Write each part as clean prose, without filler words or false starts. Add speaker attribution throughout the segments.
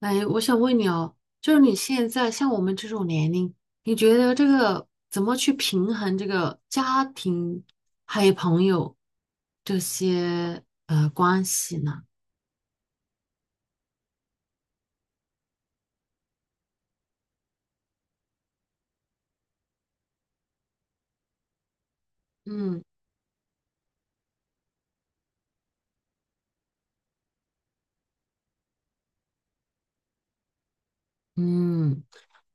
Speaker 1: 哎，我想问你哦，就是你现在像我们这种年龄，你觉得这个怎么去平衡这个家庭还有朋友这些关系呢？嗯。嗯。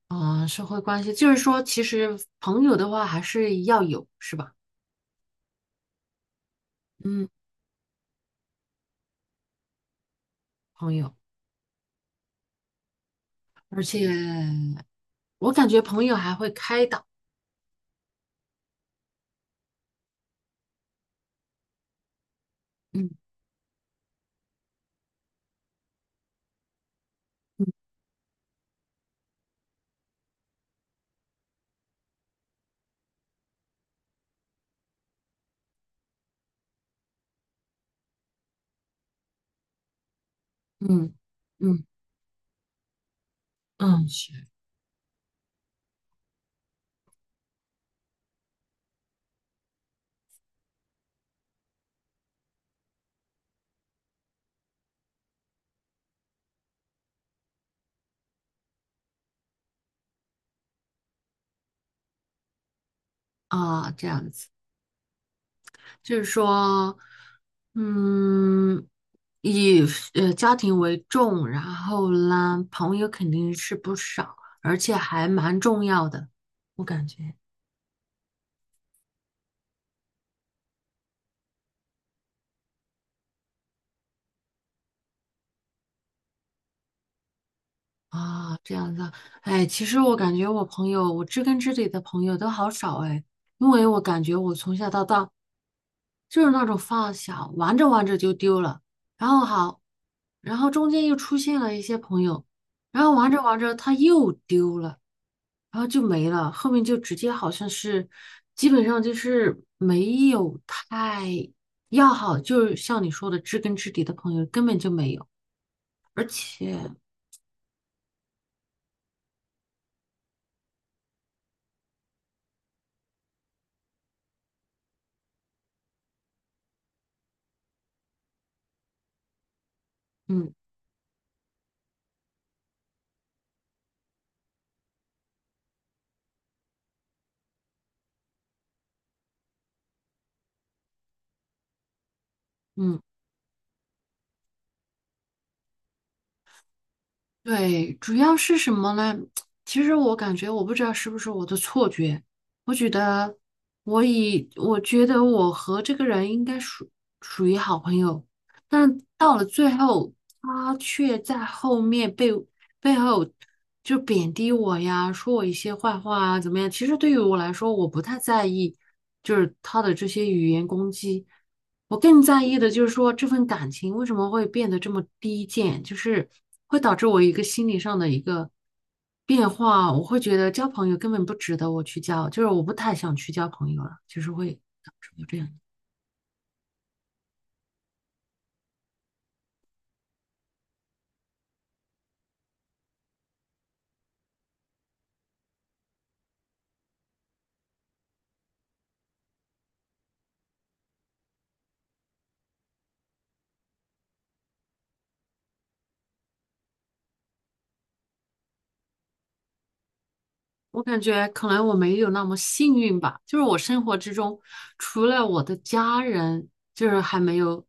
Speaker 1: 啊，社会关系，就是说，其实朋友的话还是要有，是吧？嗯，朋友，而且我感觉朋友还会开导，嗯。嗯。嗯。嗯，嗯是。啊，这样子。就是说，嗯，以家庭为重，然后呢，朋友肯定是不少，而且还蛮重要的，我感觉。啊，这样子啊。哎，其实我感觉我朋友，我知根知底的朋友都好少哎，因为我感觉我从小到大就是那种发小，玩着玩着就丢了，然后好，然后中间又出现了一些朋友，然后玩着玩着他又丢了。然后就没了，后面就直接好像是，基本上就是没有太要好，就是像你说的知根知底的朋友根本就没有，而且，嗯。嗯，对，主要是什么呢？其实我感觉我不知道是不是我的错觉，我觉得我觉得我和这个人应该属于好朋友，但到了最后，他却在后面被。背后就贬低我呀，说我一些坏话啊，怎么样？其实对于我来说，我不太在意，就是他的这些语言攻击，我更在意的就是说这份感情为什么会变得这么低贱，就是会导致我一个心理上的一个变化，我会觉得交朋友根本不值得我去交，就是我不太想去交朋友了，就是会导致我这样。我感觉可能我没有那么幸运吧，就是我生活之中，除了我的家人，就是还没有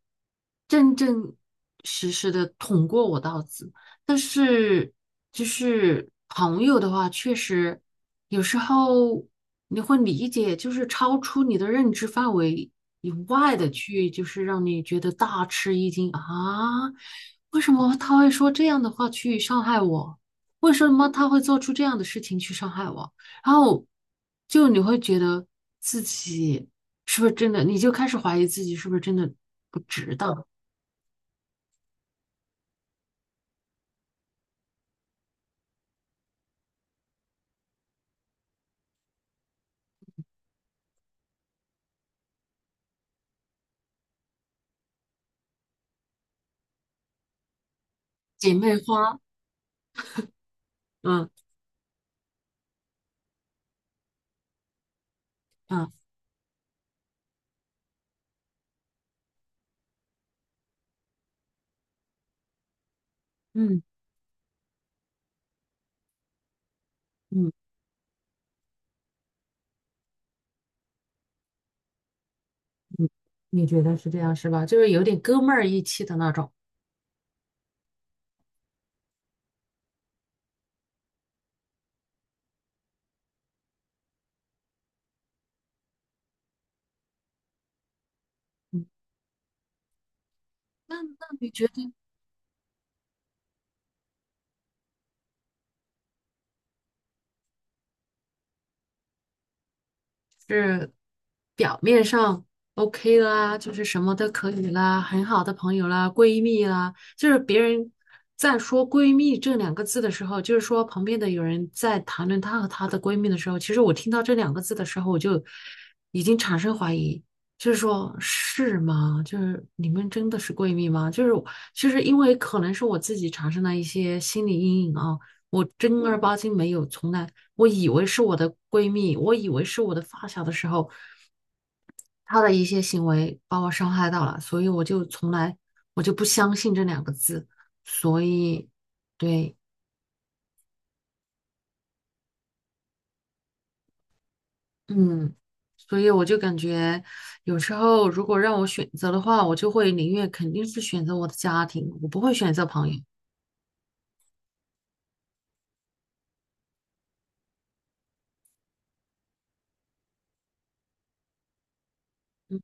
Speaker 1: 真正实实的捅过我刀子。但是就是朋友的话，确实有时候你会理解，就是超出你的认知范围以外的去，就是让你觉得大吃一惊啊，为什么他会说这样的话去伤害我？为什么他会做出这样的事情去伤害我？然后就你会觉得自己是不是真的，你就开始怀疑自己是不是真的不值得。姐妹花，嗯。嗯。嗯。嗯。嗯，你觉得是这样是吧？就是有点哥们儿义气的那种。嗯，那你觉得？是表面上 OK 啦，就是什么都可以啦，很好的朋友啦，闺蜜啦，就是别人在说闺蜜这两个字的时候，就是说旁边的有人在谈论她和她的闺蜜的时候，其实我听到这两个字的时候，我就已经产生怀疑，就是说是吗？就是你们真的是闺蜜吗？就是我就是因为可能是我自己产生了一些心理阴影啊，我正儿八经没有从来。我以为是我的闺蜜，我以为是我的发小的时候，她的一些行为把我伤害到了，所以我就从来我就不相信这两个字，所以对，嗯，所以我就感觉有时候如果让我选择的话，我就会宁愿肯定是选择我的家庭，我不会选择朋友，嗯。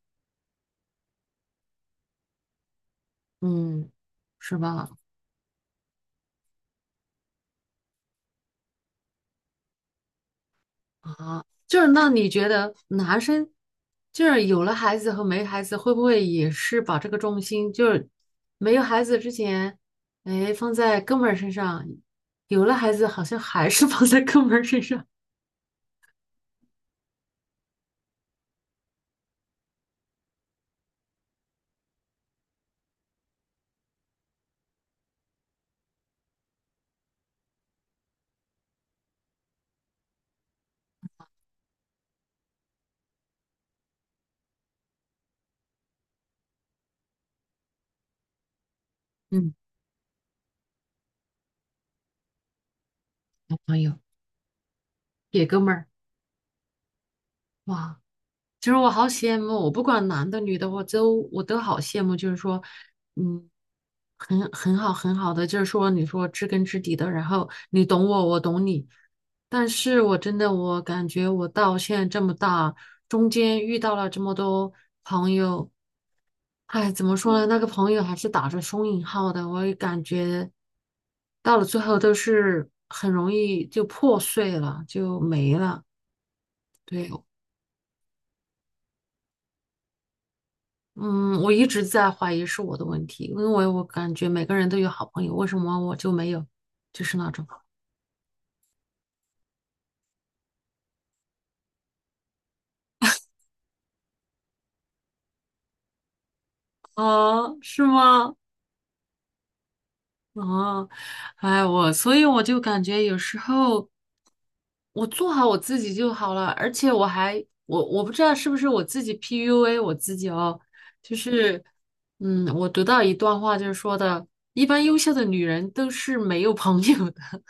Speaker 1: 嗯，是吧？啊，就是那你觉得男生就是有了孩子和没孩子，会不会也是把这个重心就是没有孩子之前，哎，放在哥们儿身上，有了孩子好像还是 放在哥们儿身上，嗯，男朋友给哥们儿，哇。其实我好羡慕，我不管男的女的，我都好羡慕。就是说，嗯，很好很好的，就是说，你说知根知底的，然后你懂我，我懂你。但是我真的，我感觉我到现在这么大，中间遇到了这么多朋友，哎，怎么说呢？那个朋友还是打着双引号的，我也感觉到了最后都是很容易就破碎了，就没了。对，嗯，我一直在怀疑是我的问题，因为我感觉每个人都有好朋友，为什么我就没有？就是那种。啊，是吗？啊，哎，我所以我就感觉有时候我做好我自己就好了，而且我还我我不知道是不是我自己 PUA 我自己哦，就是嗯，我读到一段话就是说的，一般优秀的女人都是没有朋友的，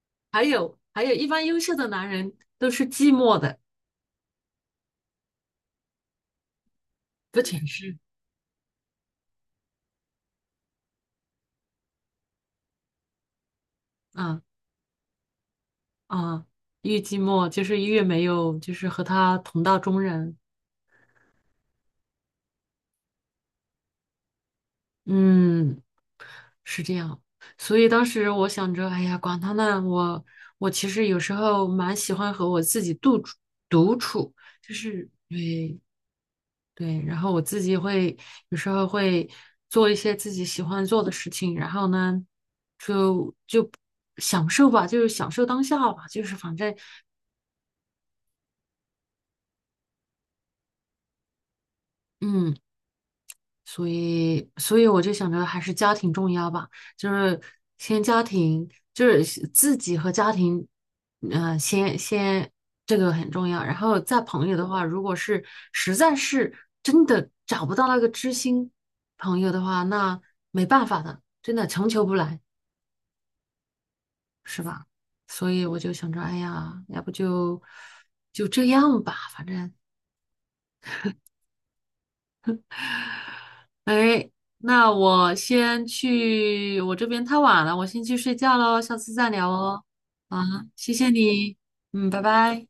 Speaker 1: 还有一般优秀的男人都是寂寞的，不仅是。嗯，啊，越寂寞就是越没有，就是和他同道中人。嗯，是这样。所以当时我想着，哎呀，管他呢，我其实有时候蛮喜欢和我自己独处，就是对。对，然后我自己会有时候会做一些自己喜欢做的事情，然后呢，就享受吧，就是享受当下吧，就是反正嗯。所以我就想着还是家庭重要吧，就是先家庭，就是先自己和家庭，先这个很重要。然后再朋友的话，如果是实在是真的找不到那个知心朋友的话，那没办法的，真的强求不来，是吧？所以我就想着，哎呀，要不就这样吧，反正。o 那我先去，我这边太晚了，我先去睡觉喽，下次再聊哦。啊，谢谢你，嗯，拜拜。